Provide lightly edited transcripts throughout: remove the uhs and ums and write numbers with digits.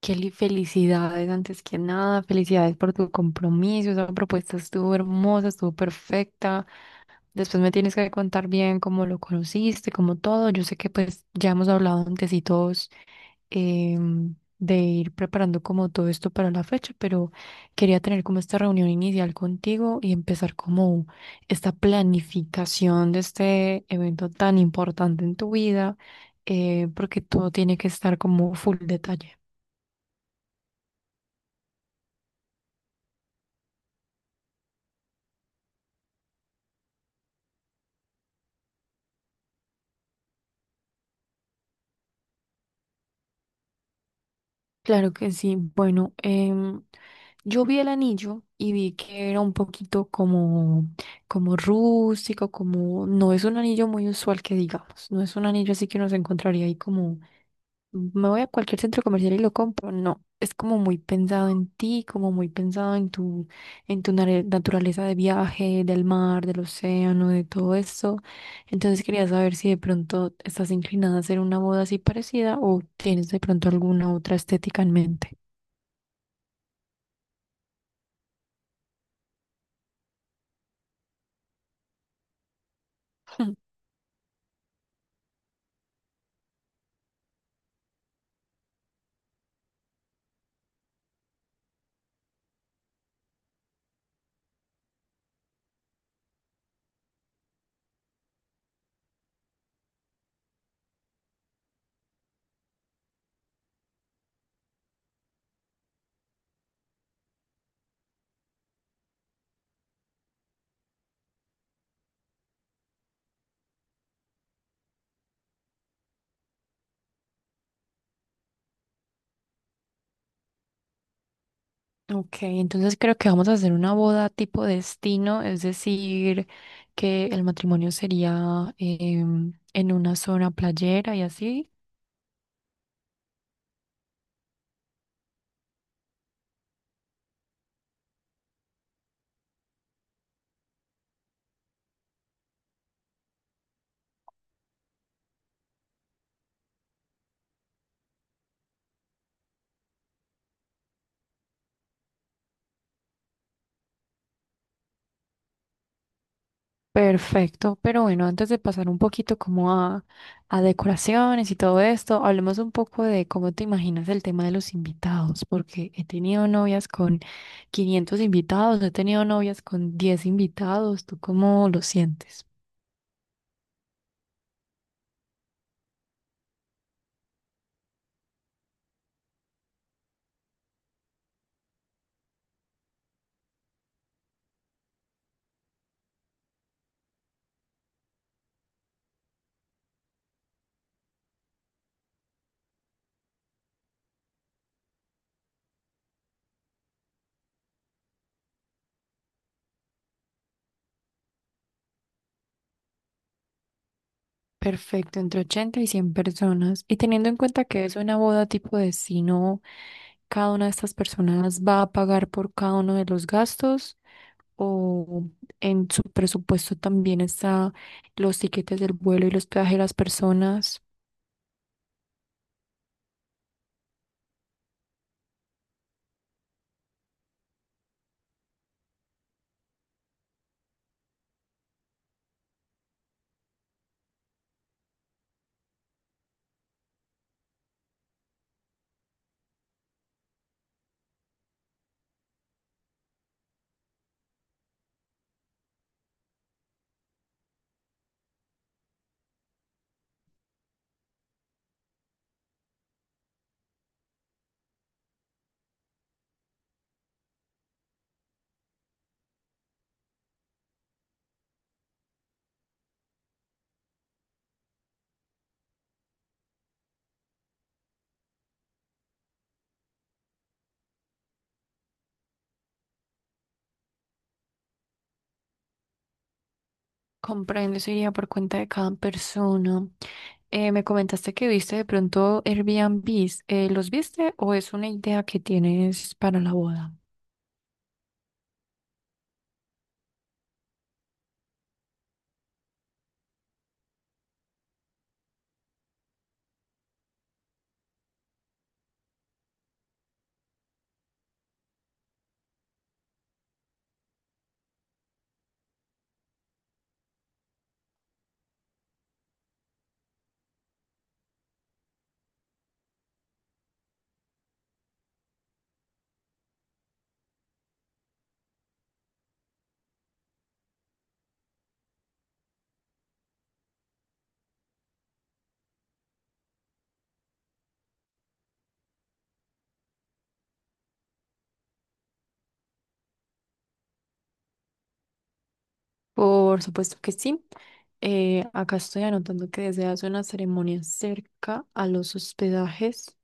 Kelly, felicidades antes que nada, felicidades por tu compromiso, esa propuesta estuvo hermosa, estuvo perfecta. Después me tienes que contar bien cómo lo conociste, cómo todo. Yo sé que pues ya hemos hablado antes y todos de ir preparando como todo esto para la fecha, pero quería tener como esta reunión inicial contigo y empezar como esta planificación de este evento tan importante en tu vida, porque todo tiene que estar como full detalle. Claro que sí. Bueno, yo vi el anillo y vi que era un poquito como, como rústico, como no es un anillo muy usual que digamos, no es un anillo así que uno se encontraría ahí como me voy a cualquier centro comercial y lo compro. No, es como muy pensado en ti, como muy pensado en tu naturaleza de viaje, del mar, del océano, de todo eso. Entonces quería saber si de pronto estás inclinada a hacer una boda así parecida o tienes de pronto alguna otra estética en mente. Ok, entonces creo que vamos a hacer una boda tipo destino, es decir, que el matrimonio sería en una zona playera y así. Perfecto, pero bueno, antes de pasar un poquito como a decoraciones y todo esto, hablemos un poco de cómo te imaginas el tema de los invitados, porque he tenido novias con 500 invitados, he tenido novias con 10 invitados, ¿tú cómo lo sientes? Perfecto, entre 80 y 100 personas. Y teniendo en cuenta que es una boda tipo de si no cada una de estas personas va a pagar por cada uno de los gastos o en su presupuesto también está los tiquetes del vuelo y los peajes de las personas. Comprendo, eso iría por cuenta de cada persona. Me comentaste que viste de pronto Airbnbs. ¿Los viste o es una idea que tienes para la boda? Por supuesto que sí. Acá estoy anotando que deseas una ceremonia cerca a los hospedajes.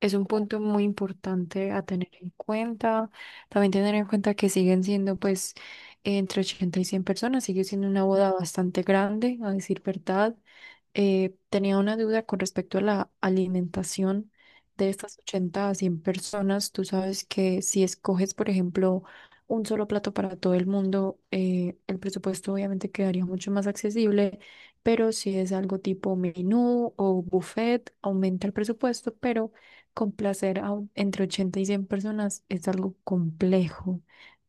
Es un punto muy importante a tener en cuenta. También tener en cuenta que siguen siendo, pues, entre 80 y 100 personas, sigue siendo una boda bastante grande, a decir verdad. Tenía una duda con respecto a la alimentación de estas 80 a 100 personas. Tú sabes que si escoges, por ejemplo, un solo plato para todo el mundo, el presupuesto obviamente quedaría mucho más accesible, pero si es algo tipo menú o buffet, aumenta el presupuesto, pero complacer entre 80 y 100 personas es algo complejo.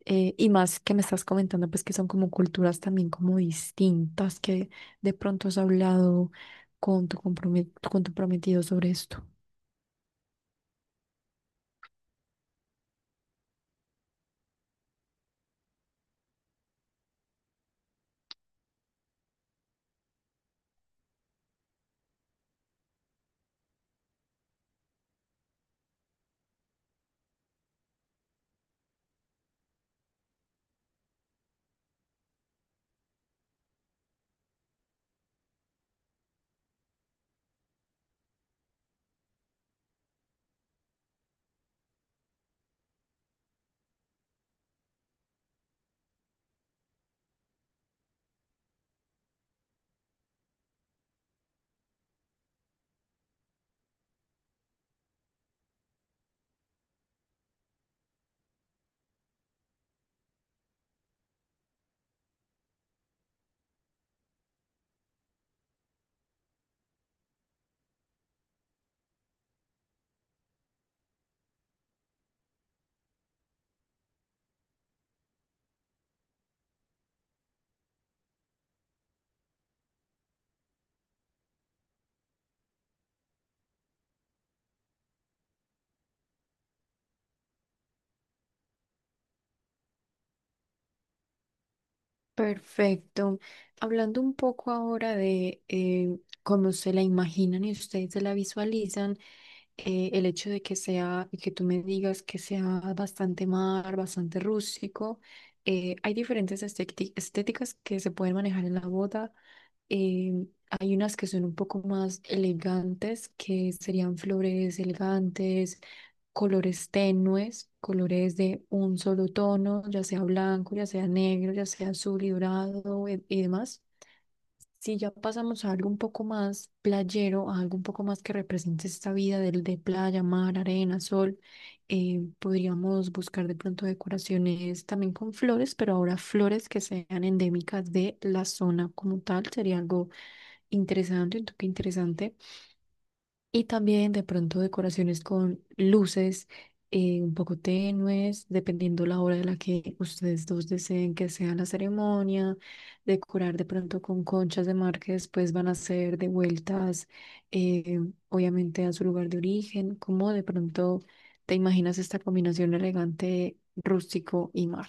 Y más que me estás comentando, pues que son como culturas también como distintas, que de pronto has hablado con tu con tu prometido sobre esto. Perfecto. Hablando un poco ahora de cómo se la imaginan y ustedes se la visualizan, el hecho de que sea, y que tú me digas que sea bastante mar, bastante rústico, hay diferentes estéticas que se pueden manejar en la boda. eh, Hay unas que son un poco más elegantes, que serían flores elegantes, colores tenues, colores de un solo tono, ya sea blanco, ya sea negro, ya sea azul y dorado y, demás. Si ya pasamos a algo un poco más playero, a algo un poco más que represente esta vida del de playa, mar, arena, sol, podríamos buscar de pronto decoraciones también con flores, pero ahora flores que sean endémicas de la zona como tal, sería algo interesante, un toque interesante. Y también de pronto decoraciones con luces un poco tenues, dependiendo la hora de la que ustedes dos deseen que sea la ceremonia. Decorar de pronto con conchas de mar que después van a ser devueltas, eh, obviamente, a su lugar de origen. ¿Cómo de pronto te imaginas esta combinación elegante, rústico y mar?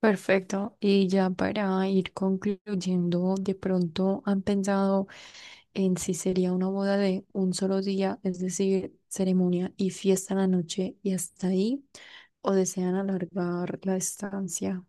Perfecto. Y ya para ir concluyendo, de pronto han pensado. En sí sería una boda de un solo día, es decir, ceremonia y fiesta en la noche y hasta ahí, o desean alargar la estancia.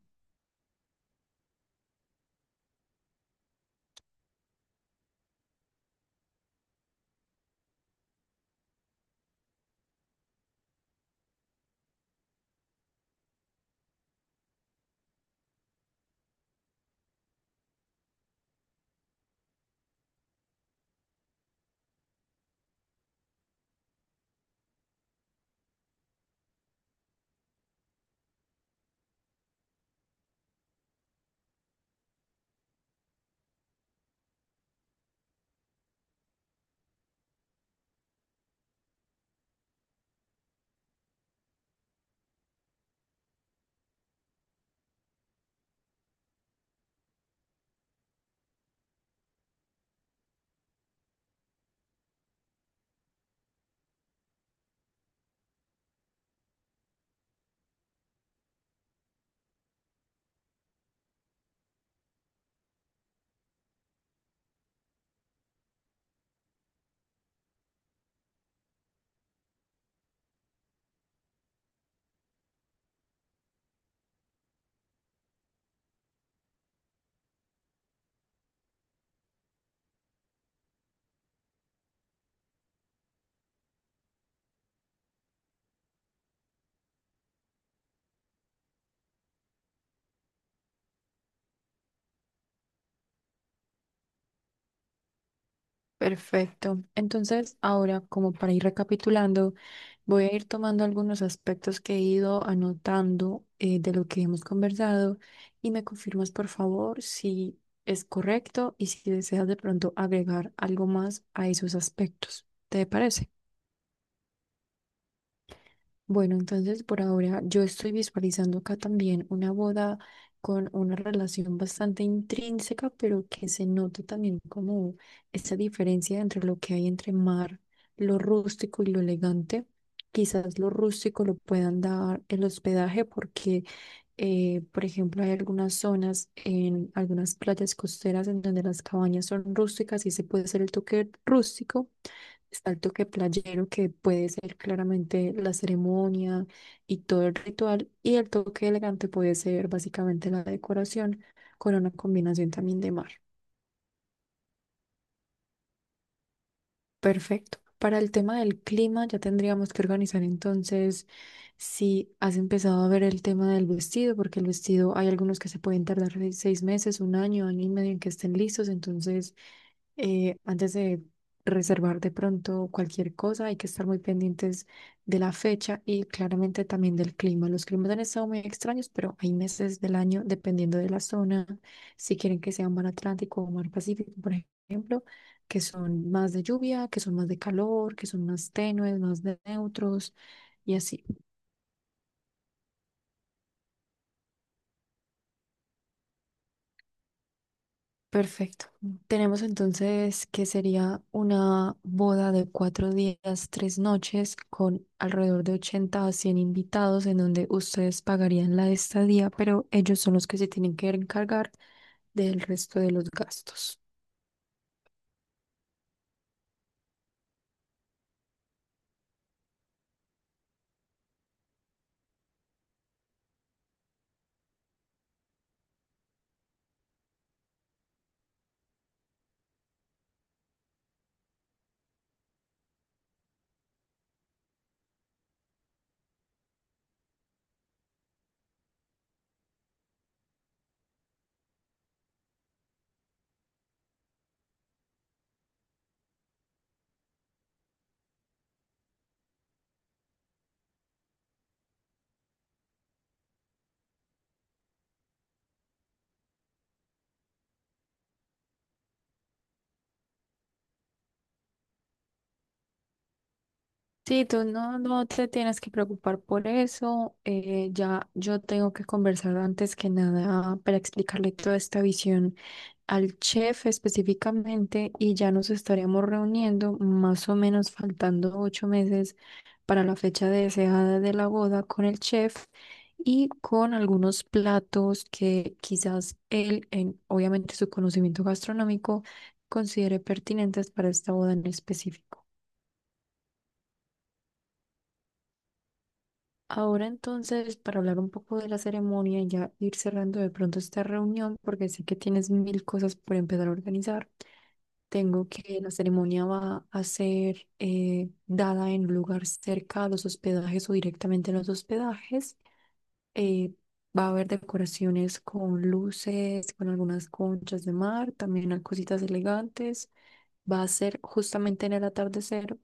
Perfecto. Entonces, ahora, como para ir recapitulando, voy a ir tomando algunos aspectos que he ido anotando de lo que hemos conversado y me confirmas, por favor, si es correcto y si deseas de pronto agregar algo más a esos aspectos. ¿Te parece? Bueno, entonces por ahora yo estoy visualizando acá también una boda con una relación bastante intrínseca, pero que se note también como esa diferencia entre lo que hay entre mar, lo rústico y lo elegante. Quizás lo rústico lo puedan dar el hospedaje porque por ejemplo, hay algunas zonas en algunas playas costeras en donde las cabañas son rústicas y se puede hacer el toque rústico. Está el toque playero que puede ser claramente la ceremonia y todo el ritual. Y el toque elegante puede ser básicamente la decoración con una combinación también de mar. Perfecto. Para el tema del clima, ya tendríamos que organizar entonces si has empezado a ver el tema del vestido, porque el vestido hay algunos que se pueden tardar de 6 meses, un año, año y medio en que estén listos. Entonces, antes de reservar de pronto cualquier cosa, hay que estar muy pendientes de la fecha y claramente también del clima. Los climas han estado muy extraños, pero hay meses del año, dependiendo de la zona, si quieren que sea mar Atlántico o mar Pacífico, por ejemplo que son más de lluvia, que son más de calor, que son más tenues, más de neutros y así. Perfecto. Tenemos entonces que sería una boda de 4 días, 3 noches, con alrededor de 80 a 100 invitados, en donde ustedes pagarían la estadía, pero ellos son los que se tienen que encargar del resto de los gastos. Sí, tú no, no te tienes que preocupar por eso. Ya yo tengo que conversar antes que nada para explicarle toda esta visión al chef específicamente y ya nos estaríamos reuniendo más o menos faltando 8 meses para la fecha deseada de la boda con el chef y con algunos platos que quizás él, en, obviamente su conocimiento gastronómico, considere pertinentes para esta boda en específico. Ahora entonces, para hablar un poco de la ceremonia y ya ir cerrando de pronto esta reunión, porque sé que tienes mil cosas por empezar a organizar, tengo que la ceremonia va a ser dada en un lugar cerca a los hospedajes o directamente en los hospedajes. Eh, Va a haber decoraciones con luces, con algunas conchas de mar, también hay cositas elegantes. Va a ser justamente en el atardecer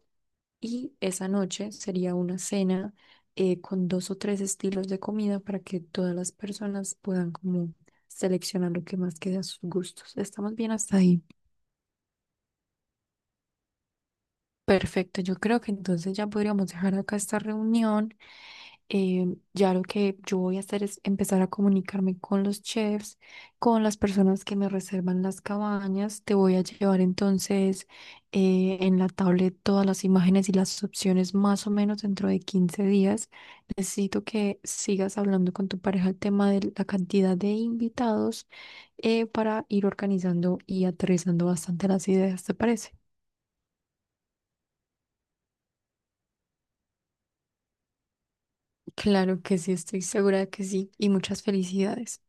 y esa noche sería una cena con dos o tres estilos de comida para que todas las personas puedan como seleccionar lo que más quede a sus gustos. ¿Estamos bien hasta ahí? Perfecto, yo creo que entonces ya podríamos dejar acá esta reunión ya lo que yo voy a hacer es empezar a comunicarme con los chefs, con las personas que me reservan las cabañas. Te voy a llevar entonces en la tablet todas las imágenes y las opciones más o menos dentro de 15 días. Necesito que sigas hablando con tu pareja el tema de la cantidad de invitados para ir organizando y aterrizando bastante las ideas, ¿te parece? Claro que sí, estoy segura de que sí y muchas felicidades.